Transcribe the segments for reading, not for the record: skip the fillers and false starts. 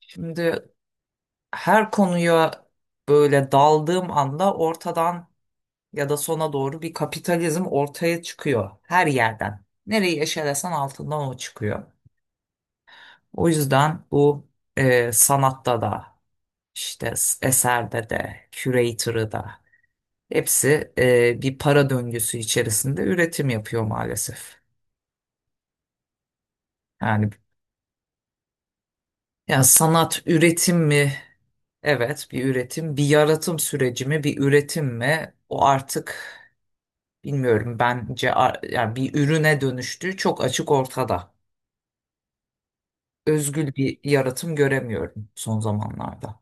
Şimdi her konuya böyle daldığım anda ortadan ya da sona doğru bir kapitalizm ortaya çıkıyor. Her yerden. Nereyi eşelesen altından o çıkıyor. O yüzden bu sanatta da işte eserde de curator'ı da hepsi bir para döngüsü içerisinde üretim yapıyor maalesef. Yani ya sanat üretim mi? Evet, bir üretim, bir yaratım süreci mi, bir üretim mi? O artık bilmiyorum, bence yani bir ürüne dönüştüğü çok açık ortada. Özgül bir yaratım göremiyorum son zamanlarda.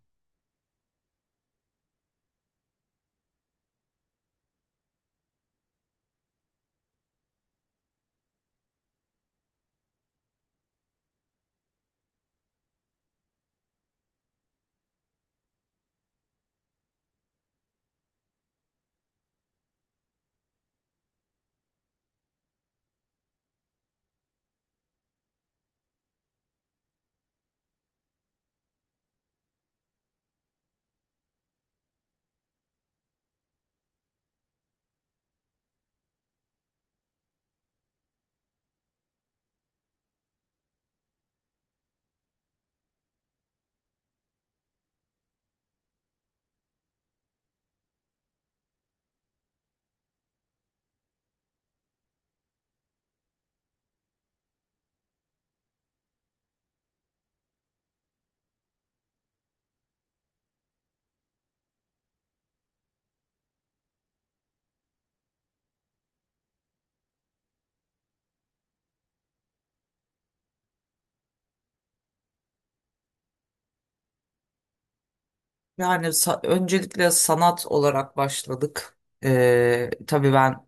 Yani öncelikle sanat olarak başladık. Tabii ben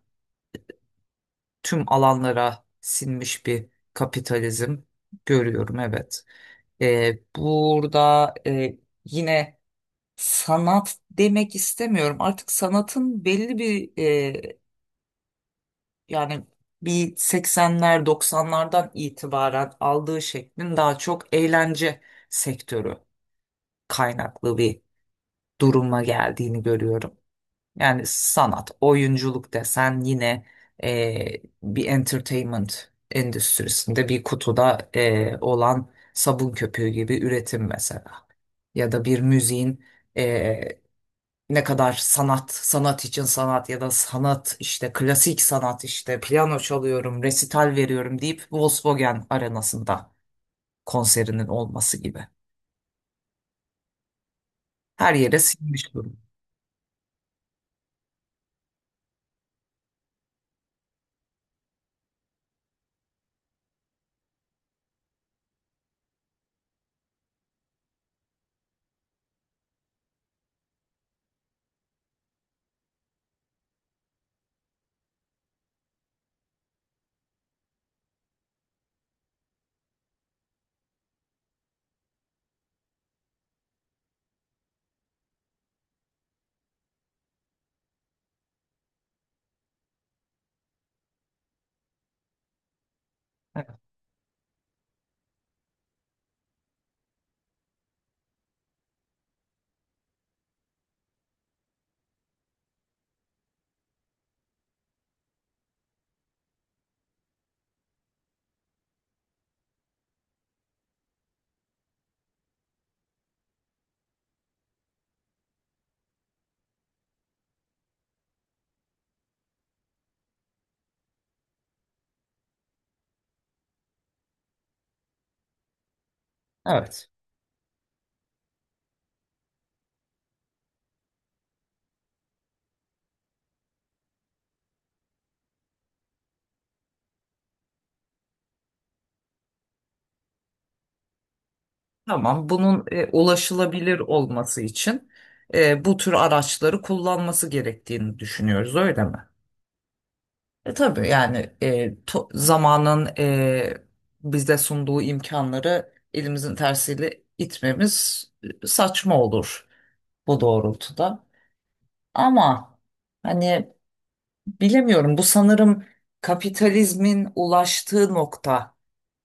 tüm alanlara sinmiş bir kapitalizm görüyorum, evet. Burada yine sanat demek istemiyorum. Artık sanatın belli bir yani bir 80'ler 90'lardan itibaren aldığı şeklin daha çok eğlence sektörü kaynaklı bir duruma geldiğini görüyorum. Yani sanat, oyunculuk desen yine bir entertainment endüstrisinde bir kutuda olan sabun köpüğü gibi üretim mesela. Ya da bir müziğin e, ne kadar sanat, sanat için sanat ya da sanat işte klasik sanat işte piyano çalıyorum, resital veriyorum deyip Volkswagen arenasında konserinin olması gibi. Her yere sinmiş durum. Evet. Tamam. Bunun ulaşılabilir olması için bu tür araçları kullanması gerektiğini düşünüyoruz, öyle mi? Tabii yani zamanın bize sunduğu imkanları elimizin tersiyle itmemiz saçma olur bu doğrultuda. Ama hani bilemiyorum, bu sanırım kapitalizmin ulaştığı nokta.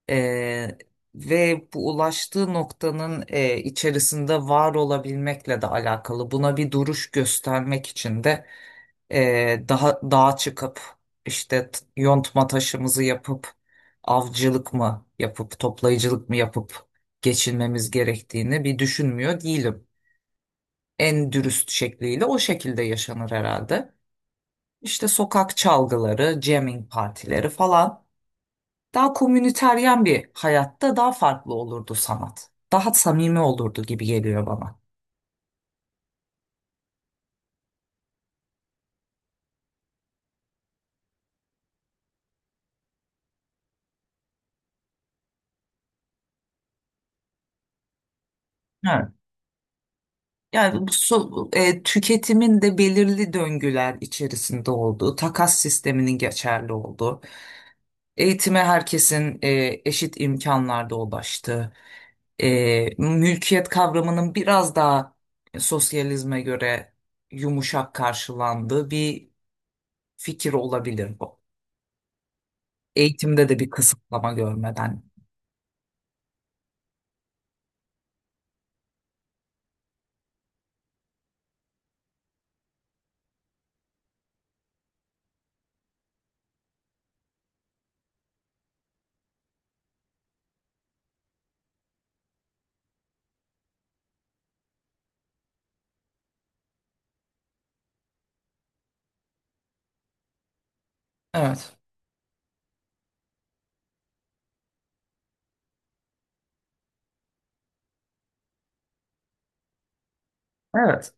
Eee, ve bu ulaştığı noktanın içerisinde var olabilmekle de alakalı. Buna bir duruş göstermek için de daha dağa çıkıp işte yontma taşımızı yapıp avcılık mı yapıp toplayıcılık mı yapıp geçinmemiz gerektiğini bir düşünmüyor değilim. En dürüst şekliyle o şekilde yaşanır herhalde. İşte sokak çalgıları, jamming partileri falan. Daha komüniteryen bir hayatta daha farklı olurdu sanat. Daha samimi olurdu gibi geliyor bana. Evet. Yani bu tüketimin de belirli döngüler içerisinde olduğu, takas sisteminin geçerli olduğu, eğitime herkesin eşit imkanlarda ulaştığı, mülkiyet kavramının biraz daha sosyalizme göre yumuşak karşılandığı bir fikir olabilir bu. Eğitimde de bir kısıtlama görmeden. Evet. Evet.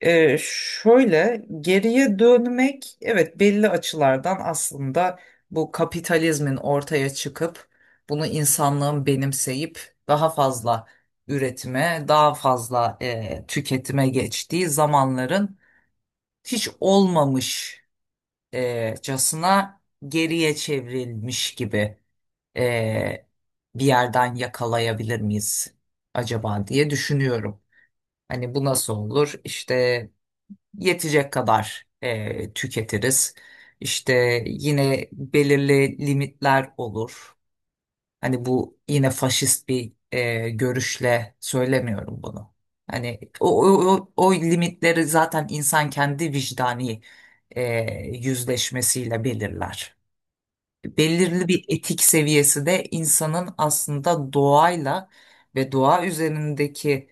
Şöyle geriye dönmek, evet, belli açılardan aslında bu kapitalizmin ortaya çıkıp bunu insanlığın benimseyip daha fazla üretime, daha fazla tüketime geçtiği zamanların hiç olmamış casına geriye çevrilmiş gibi e, bir yerden yakalayabilir miyiz acaba diye düşünüyorum. Hani bu nasıl olur? İşte yetecek kadar tüketiriz. İşte yine belirli limitler olur. Hani bu yine faşist bir görüşle söylemiyorum bunu. Hani o limitleri zaten insan kendi vicdani e, yüzleşmesiyle belirler. Belirli bir etik seviyesi de insanın aslında doğayla ve doğa üzerindeki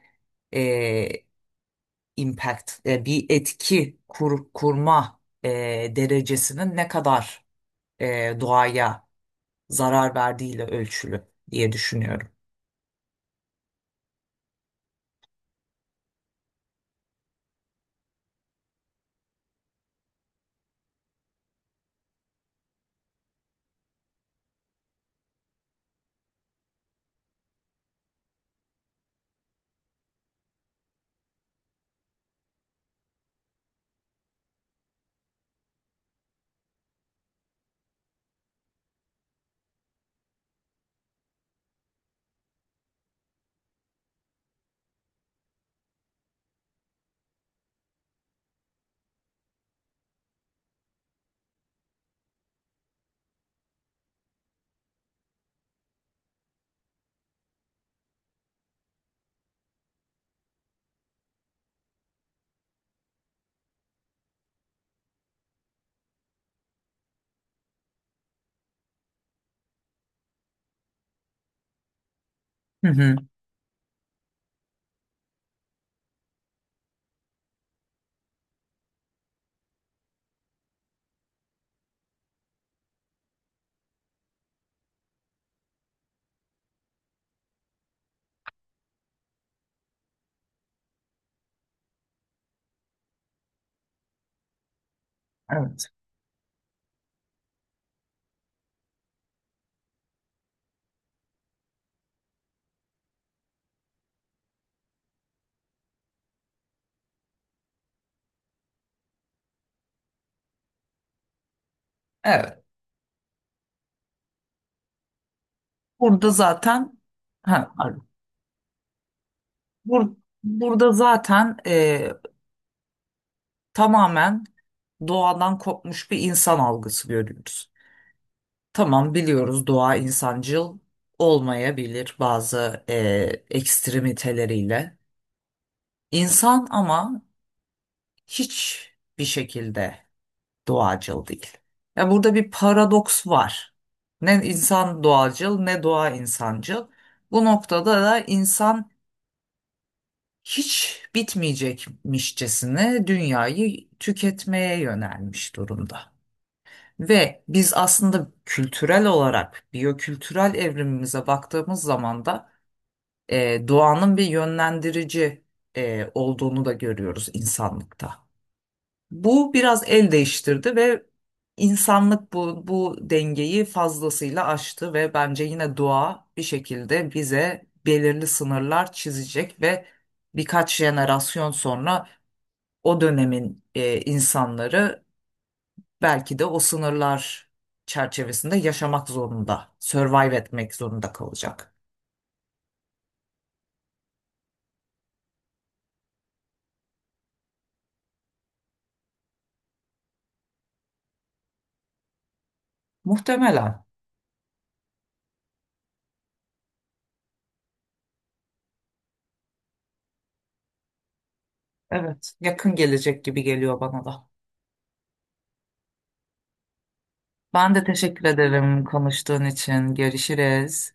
e, impact, bir etki kurma derecesinin ne kadar doğaya zarar verdiğiyle ölçülü diye düşünüyorum. Hı hı. Evet. Evet. Burada zaten, ha, pardon. Bur- burada zaten tamamen doğadan kopmuş bir insan algısı görüyoruz. Tamam, biliyoruz doğa insancıl olmayabilir bazı ekstremiteleriyle. İnsan ama hiçbir şekilde doğacıl değil. Ya burada bir paradoks var. Ne insan doğacıl ne doğa insancıl. Bu noktada da insan hiç bitmeyecekmişçesine dünyayı tüketmeye yönelmiş durumda. Ve biz aslında kültürel olarak biyokültürel evrimimize baktığımız zaman da doğanın bir yönlendirici olduğunu da görüyoruz insanlıkta. Bu biraz el değiştirdi ve insanlık bu dengeyi fazlasıyla aştı ve bence yine doğa bir şekilde bize belirli sınırlar çizecek ve birkaç jenerasyon sonra o dönemin insanları belki de o sınırlar çerçevesinde yaşamak zorunda, survive etmek zorunda kalacak. Muhtemelen. Evet, yakın gelecek gibi geliyor bana da. Ben de teşekkür ederim konuştuğun için. Görüşürüz.